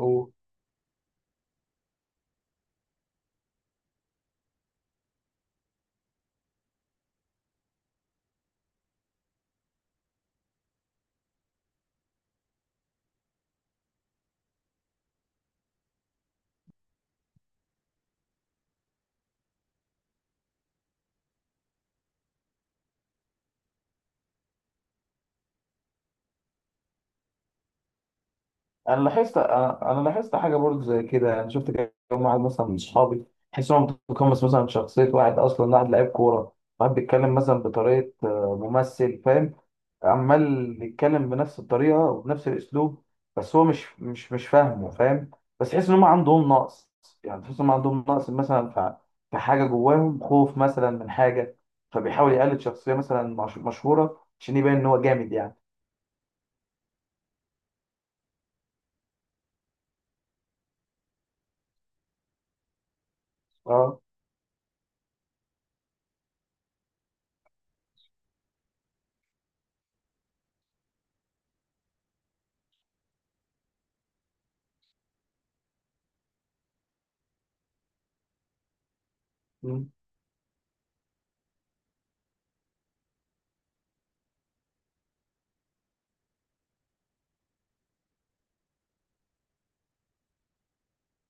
هو. انا لاحظت انا أنا لاحظت حاجه برضه زي كده، انا شفت كام واحد مثلا من اصحابي. تحس انهم متقمص مثلا شخصيه واحد، اصلا واحد لعيب كوره، واحد بيتكلم مثلا بطريقه ممثل. فاهم؟ عمال يتكلم بنفس الطريقه وبنفس الاسلوب، بس هو مش فاهمه. فاهم؟ بس تحس ان هم عندهم نقص، يعني تحس ان هم عندهم نقص مثلا في حاجه جواهم، خوف مثلا من حاجه، فبيحاول يقلد شخصيه مثلا مشهوره عشان يبين ان هو جامد يعني. اه،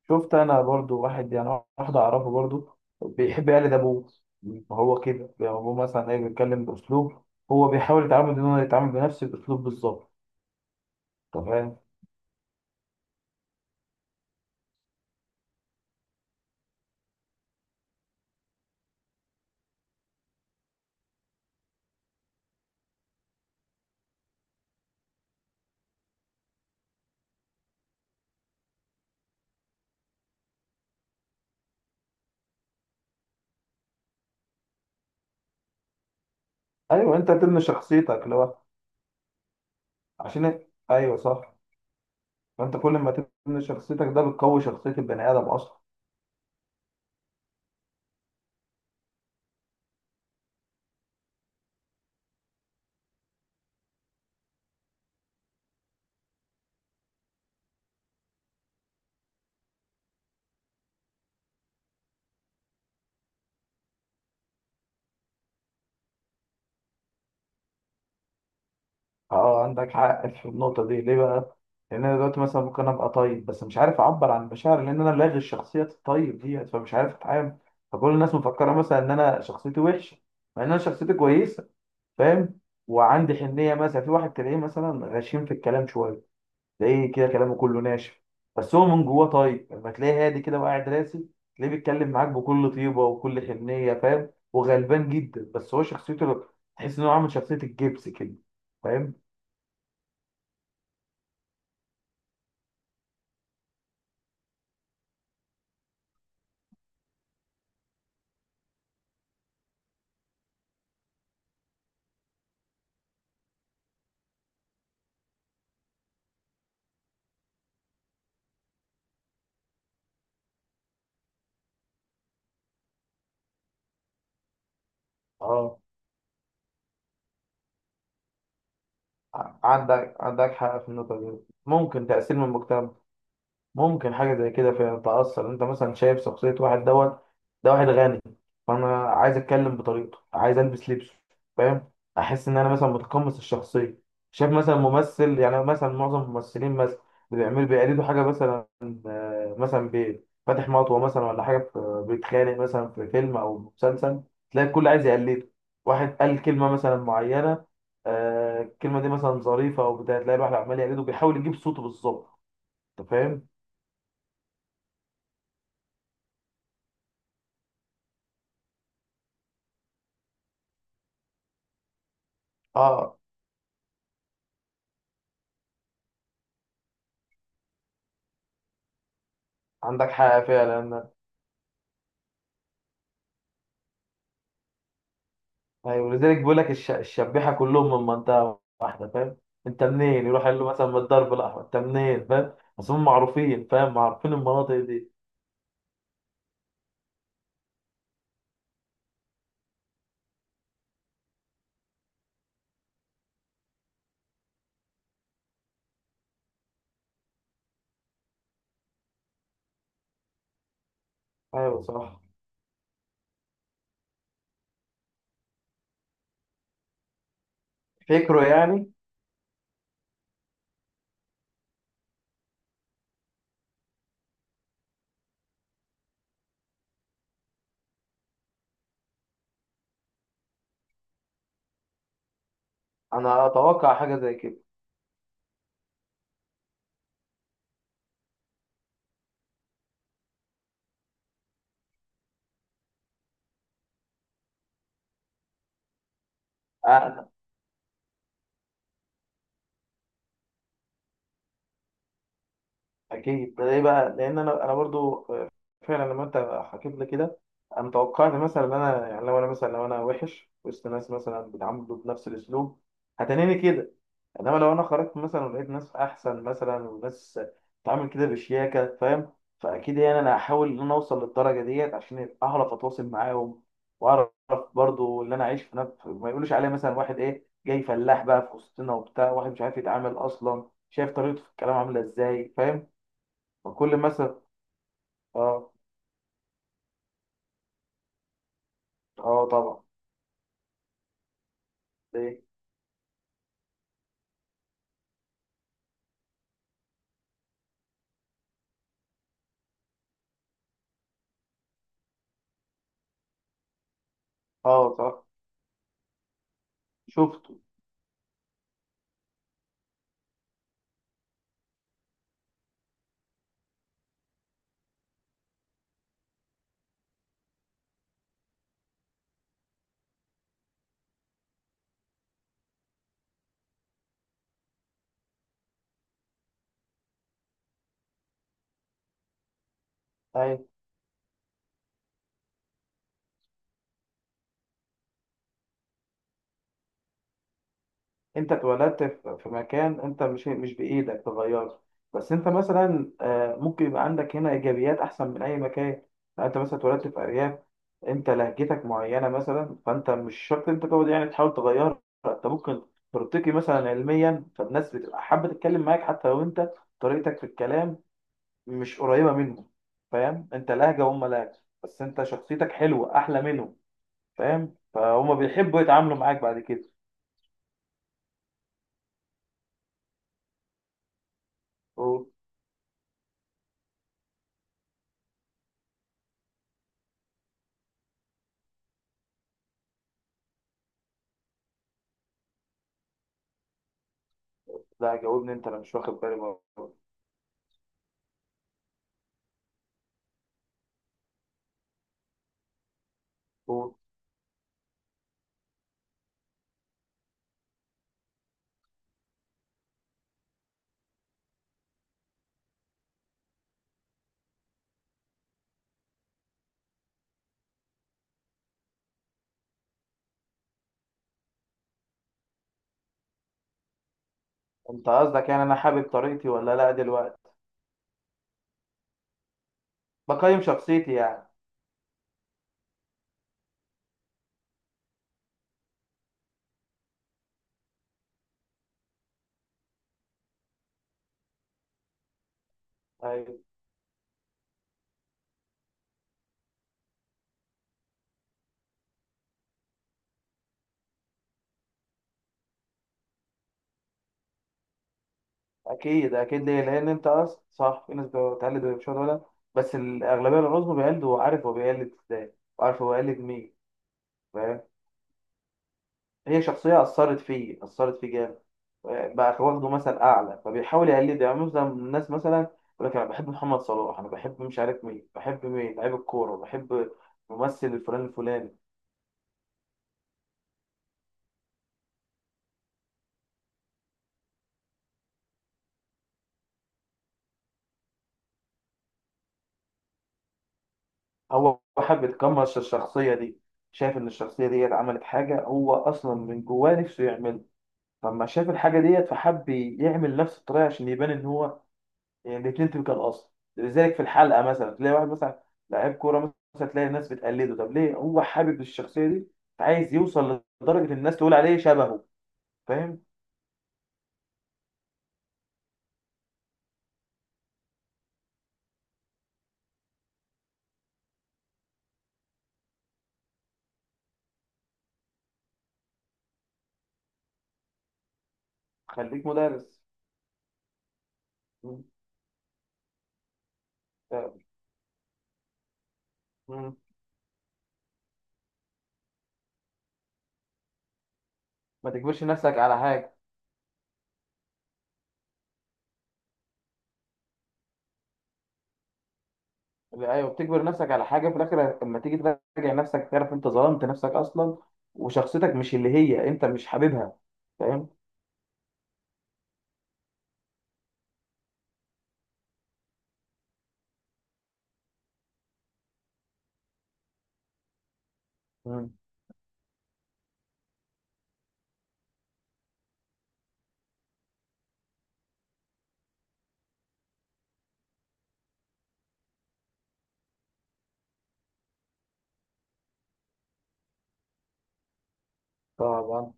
شفت انا برضو واحد، يعني واحد اعرفه برضو بيحب يقلد ابوه. فهو كده يعني ابوه مثلا ايه، بيتكلم باسلوب، هو بيحاول يتعامل ان هو يتعامل بنفس الاسلوب بالظبط. انت فاهم؟ ايوه، انت تبني شخصيتك لو عشان، ايوه صح. فانت كل ما تبني شخصيتك ده بتقوي شخصيه البني ادم اصلا. اه، عندك حق في النقطة دي. ليه بقى؟ لأن أنا دلوقتي مثلا ممكن أبقى طيب بس مش عارف أعبر عن مشاعري، لأن أنا لاغي الشخصية الطيب دي فمش عارف أتعامل. فكل الناس مفكرة مثلا إن أنا شخصيتي وحشة، مع إن أنا شخصيتي كويسة. فاهم؟ وعندي حنية. مثلا في واحد تلاقيه مثلا غشيم في الكلام شوية، تلاقيه كده كلامه كله ناشف، بس هو من جواه طيب. لما تلاقيه هادي كده وقاعد راسي، تلاقيه بيتكلم معاك بكل طيبة وكل حنية. فاهم؟ وغلبان جدا، بس هو شخصيته، تحس إن هو عامل شخصية الجبس كده. فاهم؟ اه، عندك حق في النقطة دي. ممكن تأثير من المجتمع، ممكن حاجة زي كده. فتأثر، انت مثلا شايف شخصية واحد دوت، ده واحد غني، فانا عايز اتكلم بطريقته، عايز البس لبسه. فاهم؟ احس ان انا مثلا متقمص الشخصية. شايف مثلا ممثل، يعني مثلا معظم الممثلين مثلا اللي بيعملوا بيقلدوا حاجة مثلا، مثلا فاتح مطوة مثلا ولا حاجة، بيتخانق مثلا في فيلم او مسلسل، تلاقي الكل عايز يقلده. واحد قال كلمة مثلا معينة، الكلمة دي مثلا ظريفة او بتاع، تلاقي الواحد عمال يقلده بيحاول يجيب صوته بالظبط. انت فاهم؟ اه، عندك حق فعلا. ايوه، لذلك بيقول لك الشبيحه كلهم من منطقه واحده. فاهم؟ انت منين؟ يروح يقول له مثلا من الدرب الاحمر. انت منين؟ فاهم؟ بس هم معروفين. فاهم؟ معروفين المناطق دي. ايوه صح، فكره يعني، انا اتوقع حاجه زي كده. أنا اكيد ده. ليه بقى؟ لان انا برضو فعلا لما انت حكيت لي كده، انا توقعت مثلا ان انا يعني لو انا مثلا لو انا وحش وسط ناس مثلا بيتعاملوا بنفس الاسلوب هتنيني كده. انما لو انا خرجت مثلا ولقيت ناس احسن مثلا، وناس بتتعامل كده بشياكه. فاهم؟ فاكيد يعني انا هحاول ان انا اوصل للدرجه ديت عشان اعرف اتواصل معاهم واعرف. برضو اللي انا عايش في، نفس ما يقولوش عليه مثلا واحد ايه، جاي فلاح بقى في وسطنا وبتاع، واحد مش عارف يتعامل اصلا، شايف طريقته في الكلام عامله ازاي. فاهم؟ فكل مثلا. اه. اه، طبعا. ايه. اه صح، شفته. أيوة. انت اتولدت في مكان، انت مش بايدك تغيره. بس انت مثلا ممكن يبقى عندك هنا ايجابيات احسن من اي مكان. لو انت مثلا اتولدت في ارياف، انت لهجتك معينه مثلا، فانت مش شرط انت تقعد يعني تحاول تغيرها. انت ممكن ترتقي مثلا علميا، فالناس بتبقى حابه تتكلم معاك حتى لو انت طريقتك في الكلام مش قريبه منهم. فاهم؟ انت لهجه وهم لهجه، بس انت شخصيتك حلوه احلى منهم. فاهم؟ فهم بيحبوا يتعاملوا معاك بعد كده. لا، جاوبني انت، انا مش واخد بالي برضه. قول. انت قصدك يعني انا حابب طريقتي ولا لا دلوقتي؟ بقيم شخصيتي يعني. أيوة. اكيد اكيد. ليه؟ لان انت اصلا صح، في ناس بتقلد ومش ولا، بس الاغلبيه العظمى بيقلد وعارف هو بيقلد ازاي، وعارف هو بيقلد مين. فاهم؟ هي شخصيه اثرت فيه، اثرت فيه جامد، بقى واخده مثل اعلى، فبيحاول يقلده. يعني مثلا الناس مثلا يقول لك انا بحب محمد صلاح، انا بحب مش عارف مين، بحب مين لعيب الكوره، بحب ممثل الفلان الفلاني. هو حابب يتقمص الشخصية دي، شايف إن الشخصية ديت عملت حاجة هو أصلا من جواه نفسه يعملها، فلما شاف الحاجة ديت فحب يعمل نفس الطريقة عشان يبان إن هو، يعني الاتنين تبقى الأصل. لذلك في الحلقة مثلا تلاقي واحد مثلا لعيب كورة مثلا، تلاقي الناس بتقلده. طب ليه هو حابب الشخصية دي؟ عايز يوصل لدرجة الناس تقول عليه شبهه. فاهم؟ خليك مدرس. مم. مم. ما تجبرش نفسك على حاجة. ايوه، بتجبر نفسك على حاجه في الاخر. لما تيجي تراجع نفسك تعرف انت ظلمت نفسك اصلا، وشخصيتك مش اللي هي انت، مش حاببها. فاهم؟ مم. طبعا،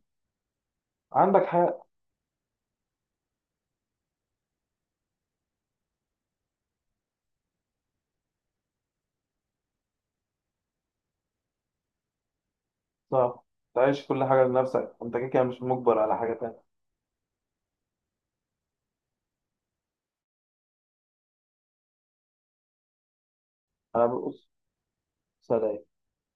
عندك حق. صح، تعيش كل حاجه لنفسك. انت كده كده مش مجبر على حاجه تانية. انا بص. سلام.